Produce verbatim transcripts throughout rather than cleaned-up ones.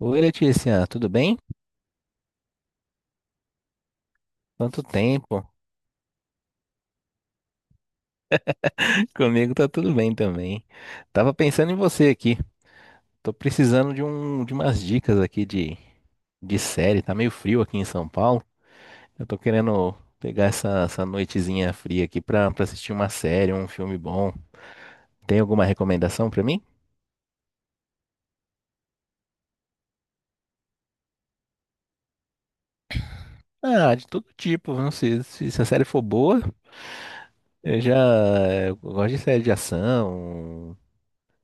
Oi, Letícia, tudo bem? Quanto tempo? Comigo tá tudo bem também. Tava pensando em você aqui. Tô precisando de um, de umas dicas aqui de, de série. Tá meio frio aqui em São Paulo. Eu tô querendo pegar essa, essa noitezinha fria aqui pra, pra assistir uma série, um filme bom. Tem alguma recomendação pra mim? Ah, de todo tipo. Não sei se, se a série for boa. Eu já eu gosto de série de ação,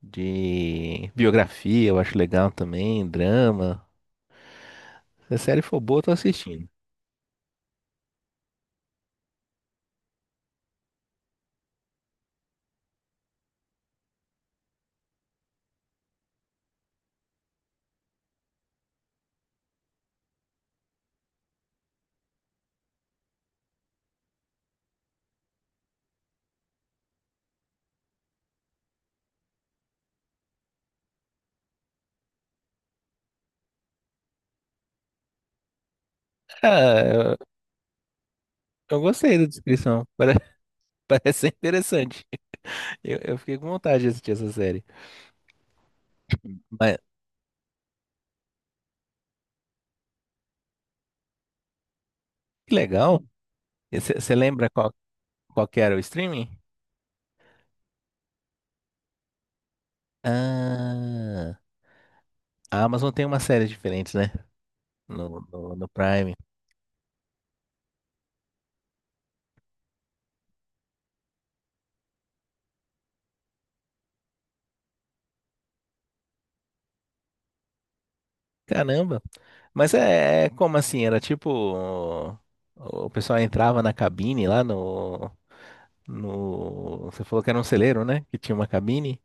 de biografia, eu acho legal também, drama. Se a série for boa, eu tô assistindo. Ah, eu, eu gostei da descrição. Pare- Parece ser interessante. Eu, eu fiquei com vontade de assistir essa série. Mas que legal. Você lembra qual, qual que era o streaming? Ah, a Amazon tem uma série diferente, né? No, no, no Prime. Caramba. Mas é, é como assim? Era tipo. O, o pessoal entrava na cabine lá no, no. Você falou que era um celeiro, né? Que tinha uma cabine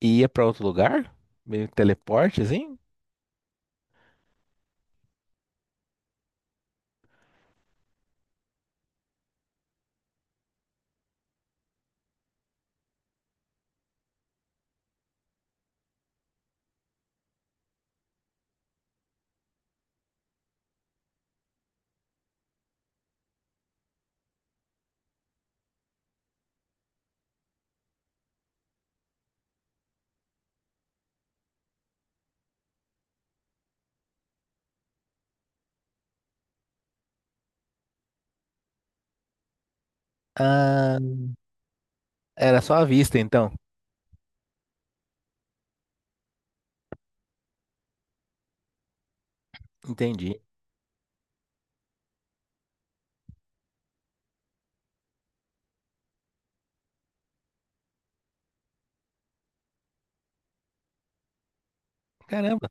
e ia pra outro lugar? Meio teleporte, assim? Ah, era só à vista, então. Entendi. Caramba,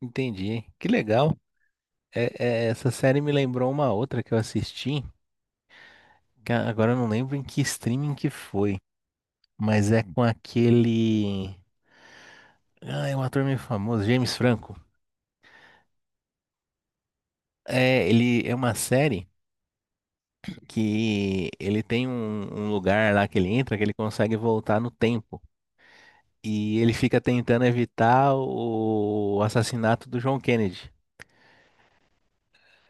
entendi. Que legal. É- é, essa série me lembrou uma outra que eu assisti, que a- agora eu não lembro em que streaming que foi, mas é com aquele. Ah, é um ator meio famoso, James Franco. É, ele é uma série que ele tem um, um lugar lá que ele entra que ele consegue voltar no tempo. E ele fica tentando evitar o assassinato do John Kennedy.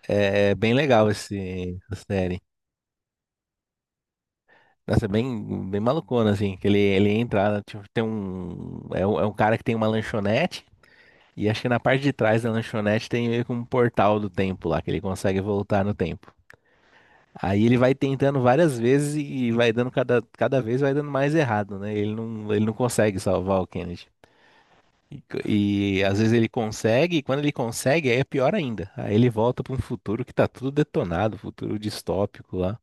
É é bem legal esse, essa série. Nossa, é bem, bem malucona, assim, que ele, ele entra, né, tipo, tem um é, um... é um cara que tem uma lanchonete, e acho que na parte de trás da lanchonete tem meio que um portal do tempo lá, que ele consegue voltar no tempo. Aí ele vai tentando várias vezes e vai dando cada, cada vez vai dando mais errado, né? Ele não, ele não consegue salvar o Kennedy. E, co- e às vezes ele consegue, e quando ele consegue, aí é pior ainda. Aí ele volta para um futuro que tá tudo detonado, futuro distópico lá.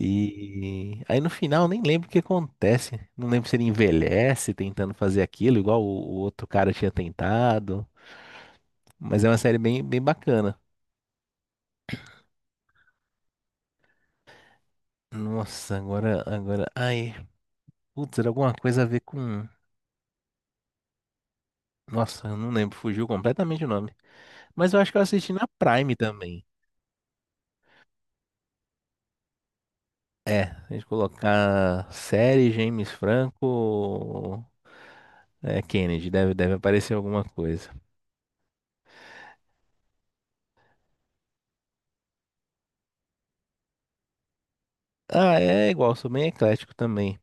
E aí no final nem lembro o que acontece. Não lembro se ele envelhece tentando fazer aquilo, igual o, o outro cara tinha tentado. Mas é uma série bem, bem bacana. Nossa, agora, agora. Ai, putz, era alguma coisa a ver com. Nossa, eu não lembro, fugiu completamente o nome. Mas eu acho que eu assisti na Prime também. É, se a gente colocar série James Franco, é, Kennedy, deve, deve aparecer alguma coisa. Ah, é igual, sou bem eclético também.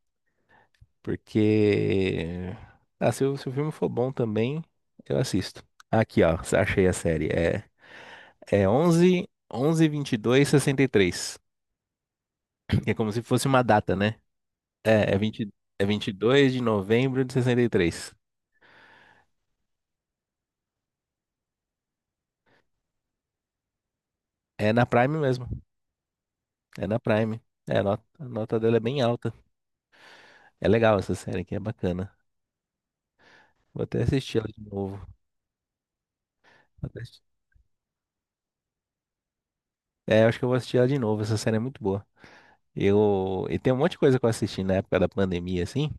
Porque. Ah, se o, se o filme for bom também, eu assisto. Aqui, ó, achei a série. É, é onze onze vinte e dois sessenta e três. É como se fosse uma data, né? É, é vinte é vinte e dois de novembro de sessenta e três. É na Prime mesmo. É na Prime. É, a nota, a nota dela é bem alta. É legal essa série aqui, é bacana. Vou até assistir ela de novo. Vou até assi- É, acho que eu vou assistir ela de novo. Essa série é muito boa. Eu, e tem um monte de coisa que eu assisti na época da pandemia, assim.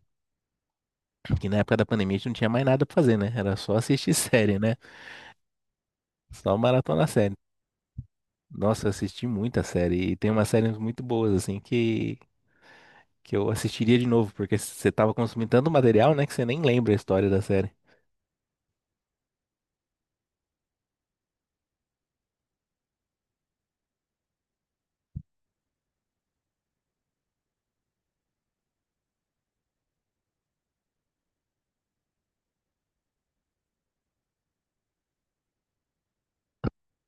Porque na época da pandemia a gente não tinha mais nada pra fazer, né? Era só assistir série, né? Só maratona série. Nossa, eu assisti muita série. E tem umas séries muito boas, assim, que, que eu assistiria de novo, porque você tava consumindo tanto material, né, que você nem lembra a história da série.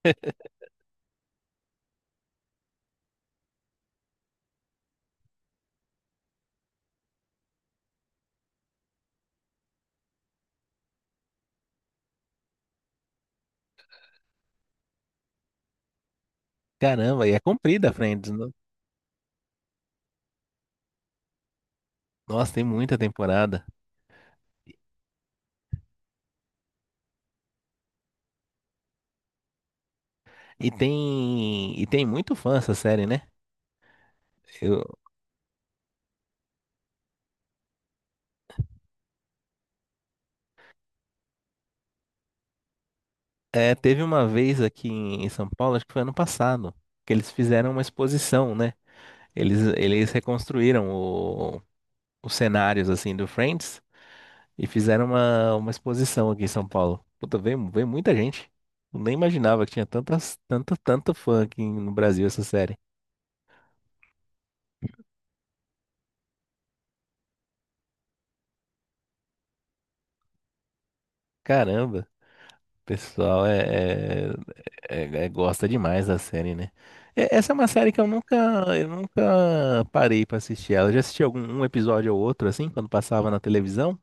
Caramba, e é comprida, Friends. no- Nossa, tem muita temporada. E tem, e tem muito fã essa série, né? Eu, é, Teve uma vez aqui em em São Paulo, acho que foi ano passado, que eles fizeram uma exposição, né? Eles, eles reconstruíram o- os cenários assim do Friends e fizeram uma, uma exposição aqui em São Paulo. Puta, veio, veio muita gente. Eu nem imaginava que tinha tantas, tanto, tanto fã aqui no Brasil essa série. Caramba, o pessoal é, é É, é, gosta demais da série, né? É, essa é uma série que eu nunca, eu nunca parei pra assistir ela. Eu já assisti algum um episódio ou outro, assim, quando passava na televisão.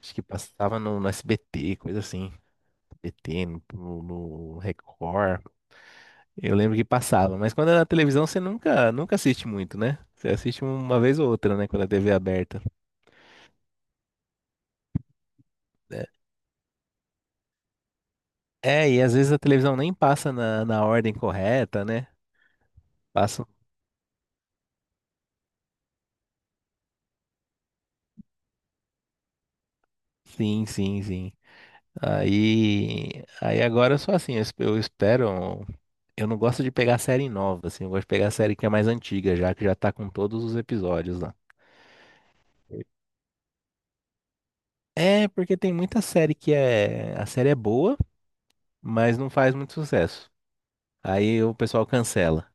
Acho que passava no, no S B T, coisa assim. S B T, no, no- no Record. Eu lembro que passava, mas quando é na televisão você nunca, nunca assiste muito, né? Você assiste uma vez ou outra, né? Quando a T V é aberta. É, é, e às vezes a televisão nem passa na, na ordem correta, né? Passa. Sim, sim, sim. Aí, aí agora eu sou assim, eu espe- eu espero. Eu não gosto de pegar série nova, assim, eu gosto de pegar série que é mais antiga, já que já tá com todos os episódios lá. É, porque tem muita série que é. A série é boa, mas não faz muito sucesso. Aí o pessoal cancela.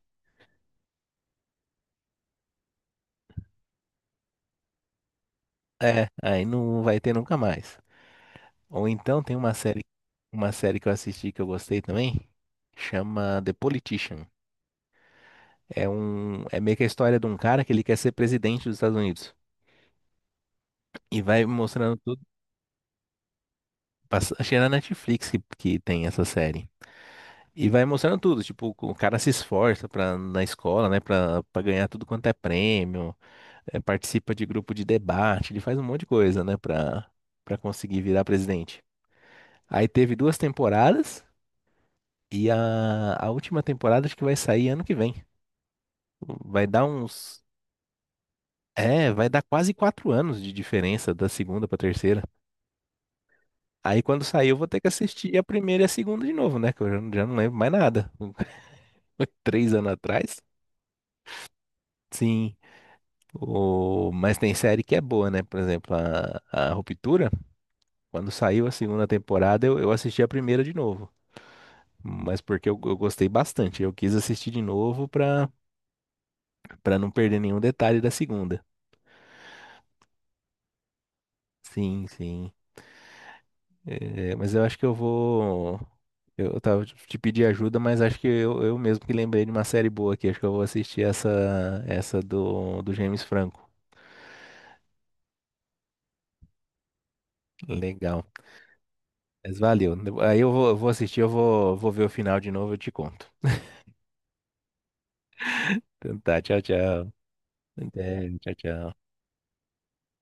É, aí não vai ter nunca mais. Ou então tem uma série, uma série que eu assisti que eu gostei também, chama The Politician. É um, é meio que a história de um cara que ele quer ser presidente dos Estados Unidos. E vai mostrando. Passa- Acho é na Netflix que, que, tem essa série. E vai mostrando tudo, tipo, o cara se esforça pra, na escola, né, pra, pra ganhar tudo quanto é prêmio, eh, participa de grupo de debate, ele faz um monte de coisa, né, pra, pra conseguir virar presidente. Aí teve duas temporadas, e a, a última temporada acho que vai sair ano que vem. Vai dar uns. É, vai dar quase quatro anos de diferença da segunda pra terceira. Aí quando sair eu vou ter que assistir a primeira e a segunda de novo, né, que eu já, já não lembro mais nada. Três anos atrás? Sim. O... Mas tem série que é boa, né? Por exemplo, a, a Ruptura, quando saiu a segunda temporada, eu, eu assisti a primeira de novo. Mas porque eu, eu gostei bastante. Eu quis assistir de novo pra, pra não perder nenhum detalhe da segunda. Sim, sim. É, mas eu acho que eu vou. Eu tava te te pedir ajuda, mas acho que eu, eu mesmo que lembrei de uma série boa aqui. Acho que eu vou assistir essa, essa do, do James Franco. Legal. Mas valeu. Aí eu vou, eu vou assistir, eu vou, vou ver o final de novo, eu te conto. Então tá, tchau, tchau. Até, tchau, tchau.